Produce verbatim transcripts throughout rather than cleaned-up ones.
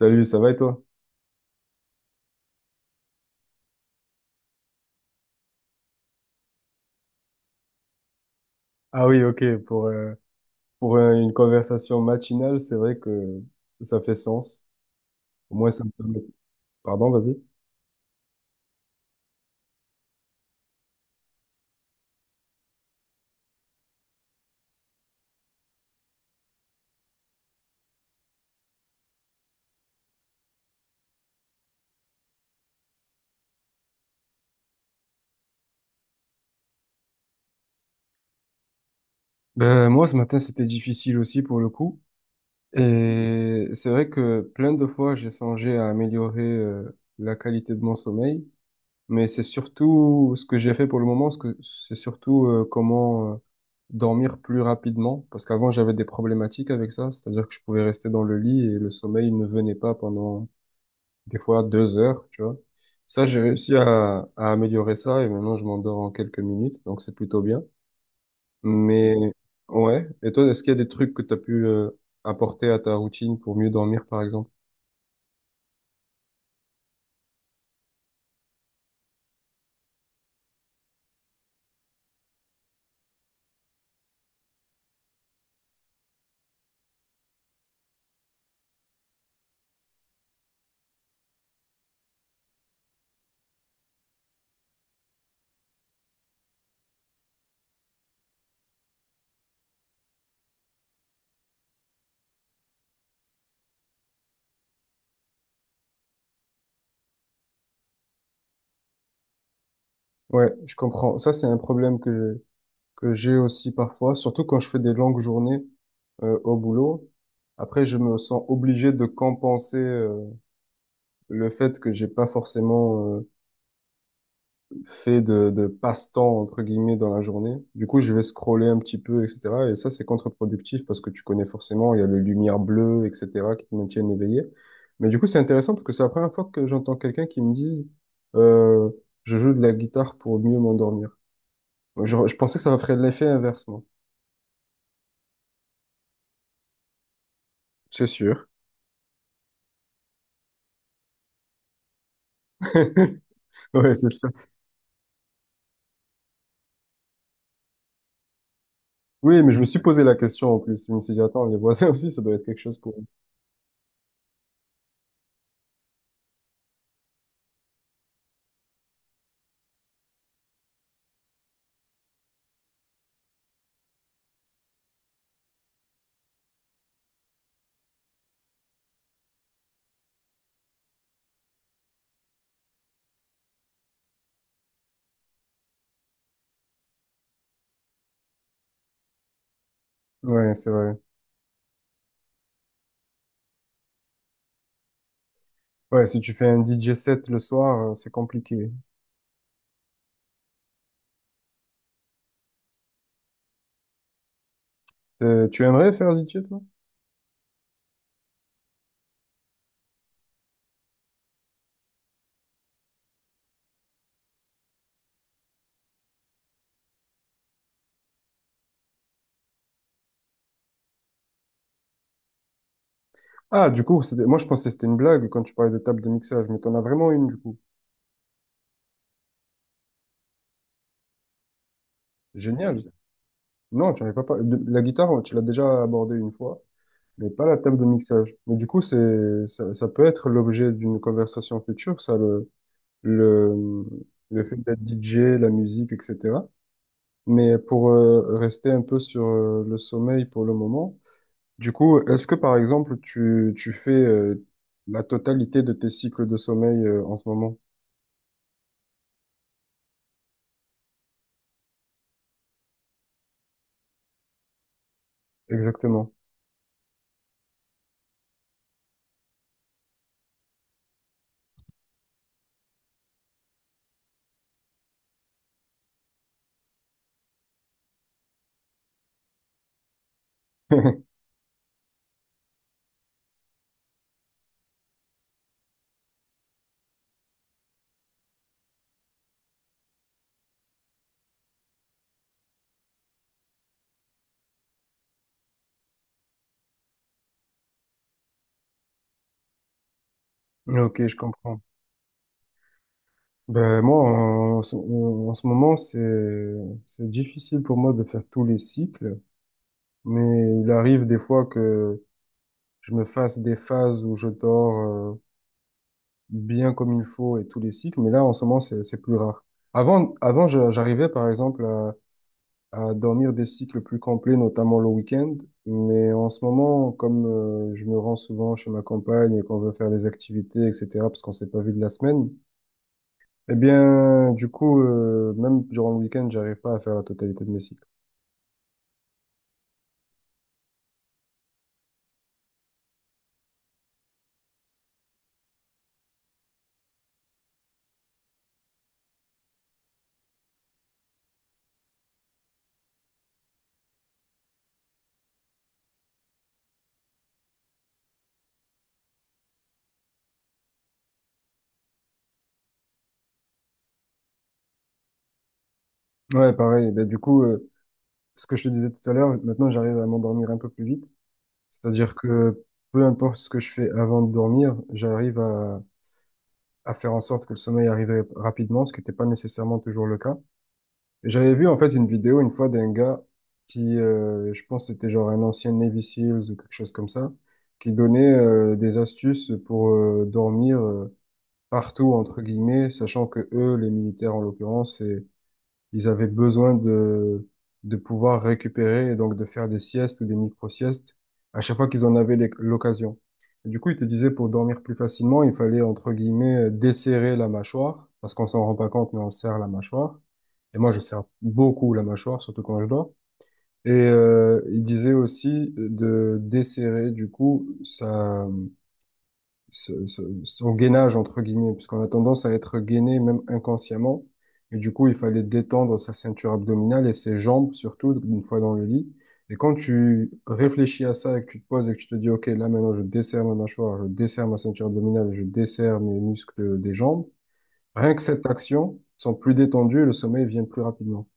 Salut, ça va et toi? Ah oui, ok, pour, euh, pour euh, une conversation matinale, c'est vrai que ça fait sens. Au moins, ça me permet... Pardon, vas-y. Ben, moi, ce matin, c'était difficile aussi pour le coup. Et c'est vrai que plein de fois, j'ai songé à améliorer euh, la qualité de mon sommeil. Mais c'est surtout ce que j'ai fait pour le moment, ce que c'est surtout euh, comment euh, dormir plus rapidement. Parce qu'avant, j'avais des problématiques avec ça. C'est-à-dire que je pouvais rester dans le lit et le sommeil ne venait pas pendant des fois deux heures, tu vois. Ça, j'ai réussi à, à améliorer ça et maintenant je m'endors en quelques minutes, donc c'est plutôt bien. Mais ouais, et toi, est-ce qu'il y a des trucs que tu as pu euh, apporter à ta routine pour mieux dormir, par exemple? Ouais, je comprends. Ça, c'est un problème que, que j'ai aussi parfois, surtout quand je fais des longues journées euh, au boulot. Après, je me sens obligé de compenser euh, le fait que j'ai pas forcément fait de, de passe-temps, entre guillemets, dans la journée. Du coup, je vais scroller un petit peu, et cetera. Et ça, c'est contre-productif parce que tu connais forcément, il y a les lumières bleues, et cetera, qui te maintiennent éveillé. Mais du coup, c'est intéressant parce que c'est la première fois que j'entends quelqu'un qui me dise, euh, je joue de la guitare pour mieux m'endormir. Je, je pensais que ça ferait l'effet inverse, moi. C'est sûr. Ouais, c'est sûr. Oui, mais je me suis posé la question en plus. Je me suis dit, attends, les voisins aussi, ça doit être quelque chose pour eux. Ouais, c'est vrai. Ouais, si tu fais un D J set le soir, euh, c'est compliqué. Euh, tu aimerais faire D J, toi? Ah, du coup, c'était... moi je pensais que c'était une blague quand tu parlais de table de mixage, mais t'en as vraiment une, du coup. Génial. Non, tu n'avais pas par- de- la guitare, tu l'as déjà abordée une fois, mais pas la table de mixage. Mais du coup, c'est ça, ça peut être l'objet d'une conversation future, ça, le, le, le fait d'être D J, la musique, et cetera. Mais pour euh, rester un peu sur euh, le sommeil pour le moment, du coup, est-ce que par exemple, tu, tu fais euh, la totalité de tes cycles de sommeil euh, en ce moment? Exactement. Ok, je comprends. Ben, moi, en, en ce en ce moment, c'est, c'est difficile pour moi de faire tous les cycles, mais il arrive des fois que je me fasse des phases où je dors euh, bien comme il faut et tous les cycles, mais là, en ce moment, c'est, c'est plus rare. Avant, avant, je- j'arrivais, par exemple, à, à dormir des cycles plus complets, notamment le week-end, mais en ce moment, comme euh, je me rends souvent chez ma compagne et qu'on veut faire des activités, et cetera, parce qu'on s'est pas vu de la semaine, eh bien, du coup, euh, même durant le week-end, j'arrive pas à faire la totalité de mes cycles. Ouais, pareil. Ben, du coup, euh, ce que je te disais tout à l'heure, maintenant, j'arrive à m'endormir un peu plus vite. C'est-à-dire que peu importe ce que je fais avant de dormir, j'arrive à, à faire en sorte que le sommeil arrive rapidement, ce qui n'était pas nécessairement toujours le cas. Et j'avais vu, en fait, une vidéo une fois d'un gars qui, euh, je pense, que c'était genre un ancien Navy SEALs ou quelque chose comme ça, qui donnait euh, des astuces pour euh, dormir. euh, partout entre guillemets, sachant que eux, les militaires en l'occurrence, c'est- ils avaient besoin de de pouvoir récupérer et donc de faire des siestes ou des micro-siestes à chaque fois qu'ils en avaient l'oc- l'occasion. Et du coup, ils te disaient pour dormir plus facilement, il fallait entre guillemets euh, desserrer la mâchoire parce qu'on s'en rend pas compte, mais on serre la mâchoire. Et moi, je serre beaucoup la mâchoire, surtout quand je dors. Et euh, il disait aussi euh, de desserrer du coup ça ce, ce, son gainage, entre guillemets, puisqu'on a tendance à être gainé même inconsciemment. Et du coup, il fallait détendre sa ceinture abdominale et ses jambes, surtout une fois dans le lit. Et quand tu réfléchis à ça et que tu te poses et que tu te dis, OK, là maintenant, je desserre ma mâchoire, je desserre ma ceinture abdominale, je desserre mes muscles des jambes, rien que cette action, ils sont plus détendus et le sommeil vient plus rapidement.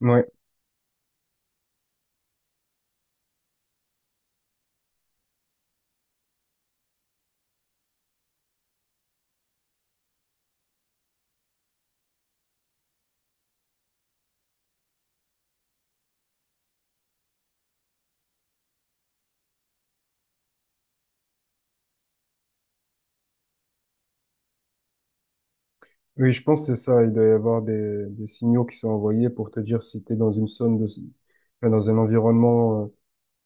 Ouais. Oui, je pense que c'est ça. Il doit y avoir des, des signaux qui sont envoyés pour te dire si tu es dans une zone de, enfin, dans un environnement euh,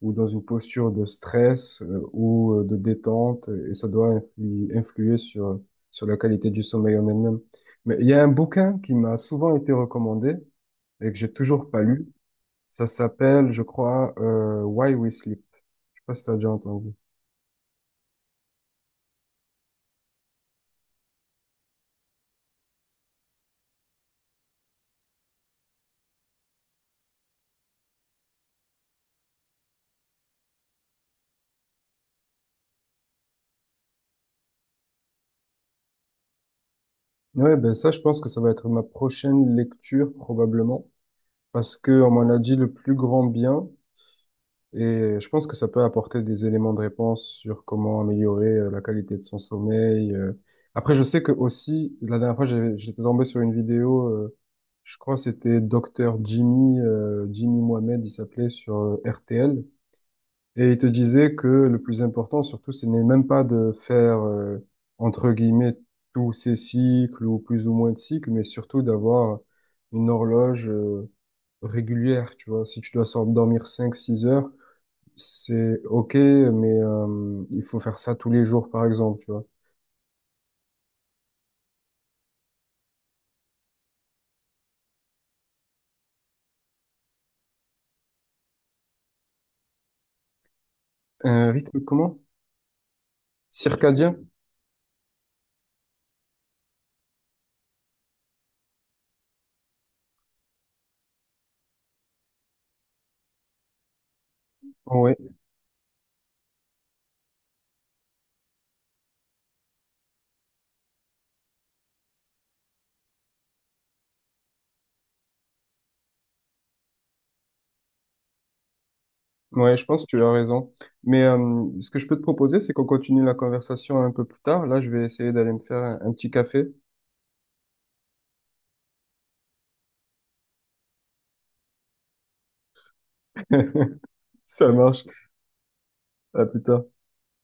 ou dans une posture de stress euh, ou euh, de détente, et ça doit influ- influer sur, sur la qualité du sommeil en elle-même. Mais il y a un bouquin qui m'a souvent été recommandé et que j'ai toujours pas lu. Ça s'appelle, je crois, euh, Why We Sleep. Je sais pas si t'as déjà entendu. Ouais, ben ça, je pense que ça va être ma prochaine lecture probablement, parce que on m'en a dit le plus grand bien. Et je pense que ça peut apporter des éléments de réponse sur comment améliorer euh, la qualité de son sommeil. euh. Après, je sais que aussi, la dernière fois, j'ai- j'étais tombé sur une vidéo, euh, je crois que c'était Docteur Jimmy, euh, Jimmy Mohamed, il s'appelait sur euh, R T L. Et il te disait que le plus important, surtout, ce n'est même pas de faire, euh, entre guillemets, tous ces cycles ou plus ou moins de cycles, mais surtout d'avoir une horloge, euh, régulière, tu vois. Si tu dois sor- dormir cinq six heures, c'est ok, mais euh, il faut faire ça tous les jours, par exemple, tu vois. Un rythme comment? Circadien? Ouais, ouais, je pense que tu as raison. Mais euh, ce que je peux te proposer, c'est qu'on continue la conversation un peu plus tard. Là, je vais essayer d'aller me faire un un petit café. Ça marche. À plus tard.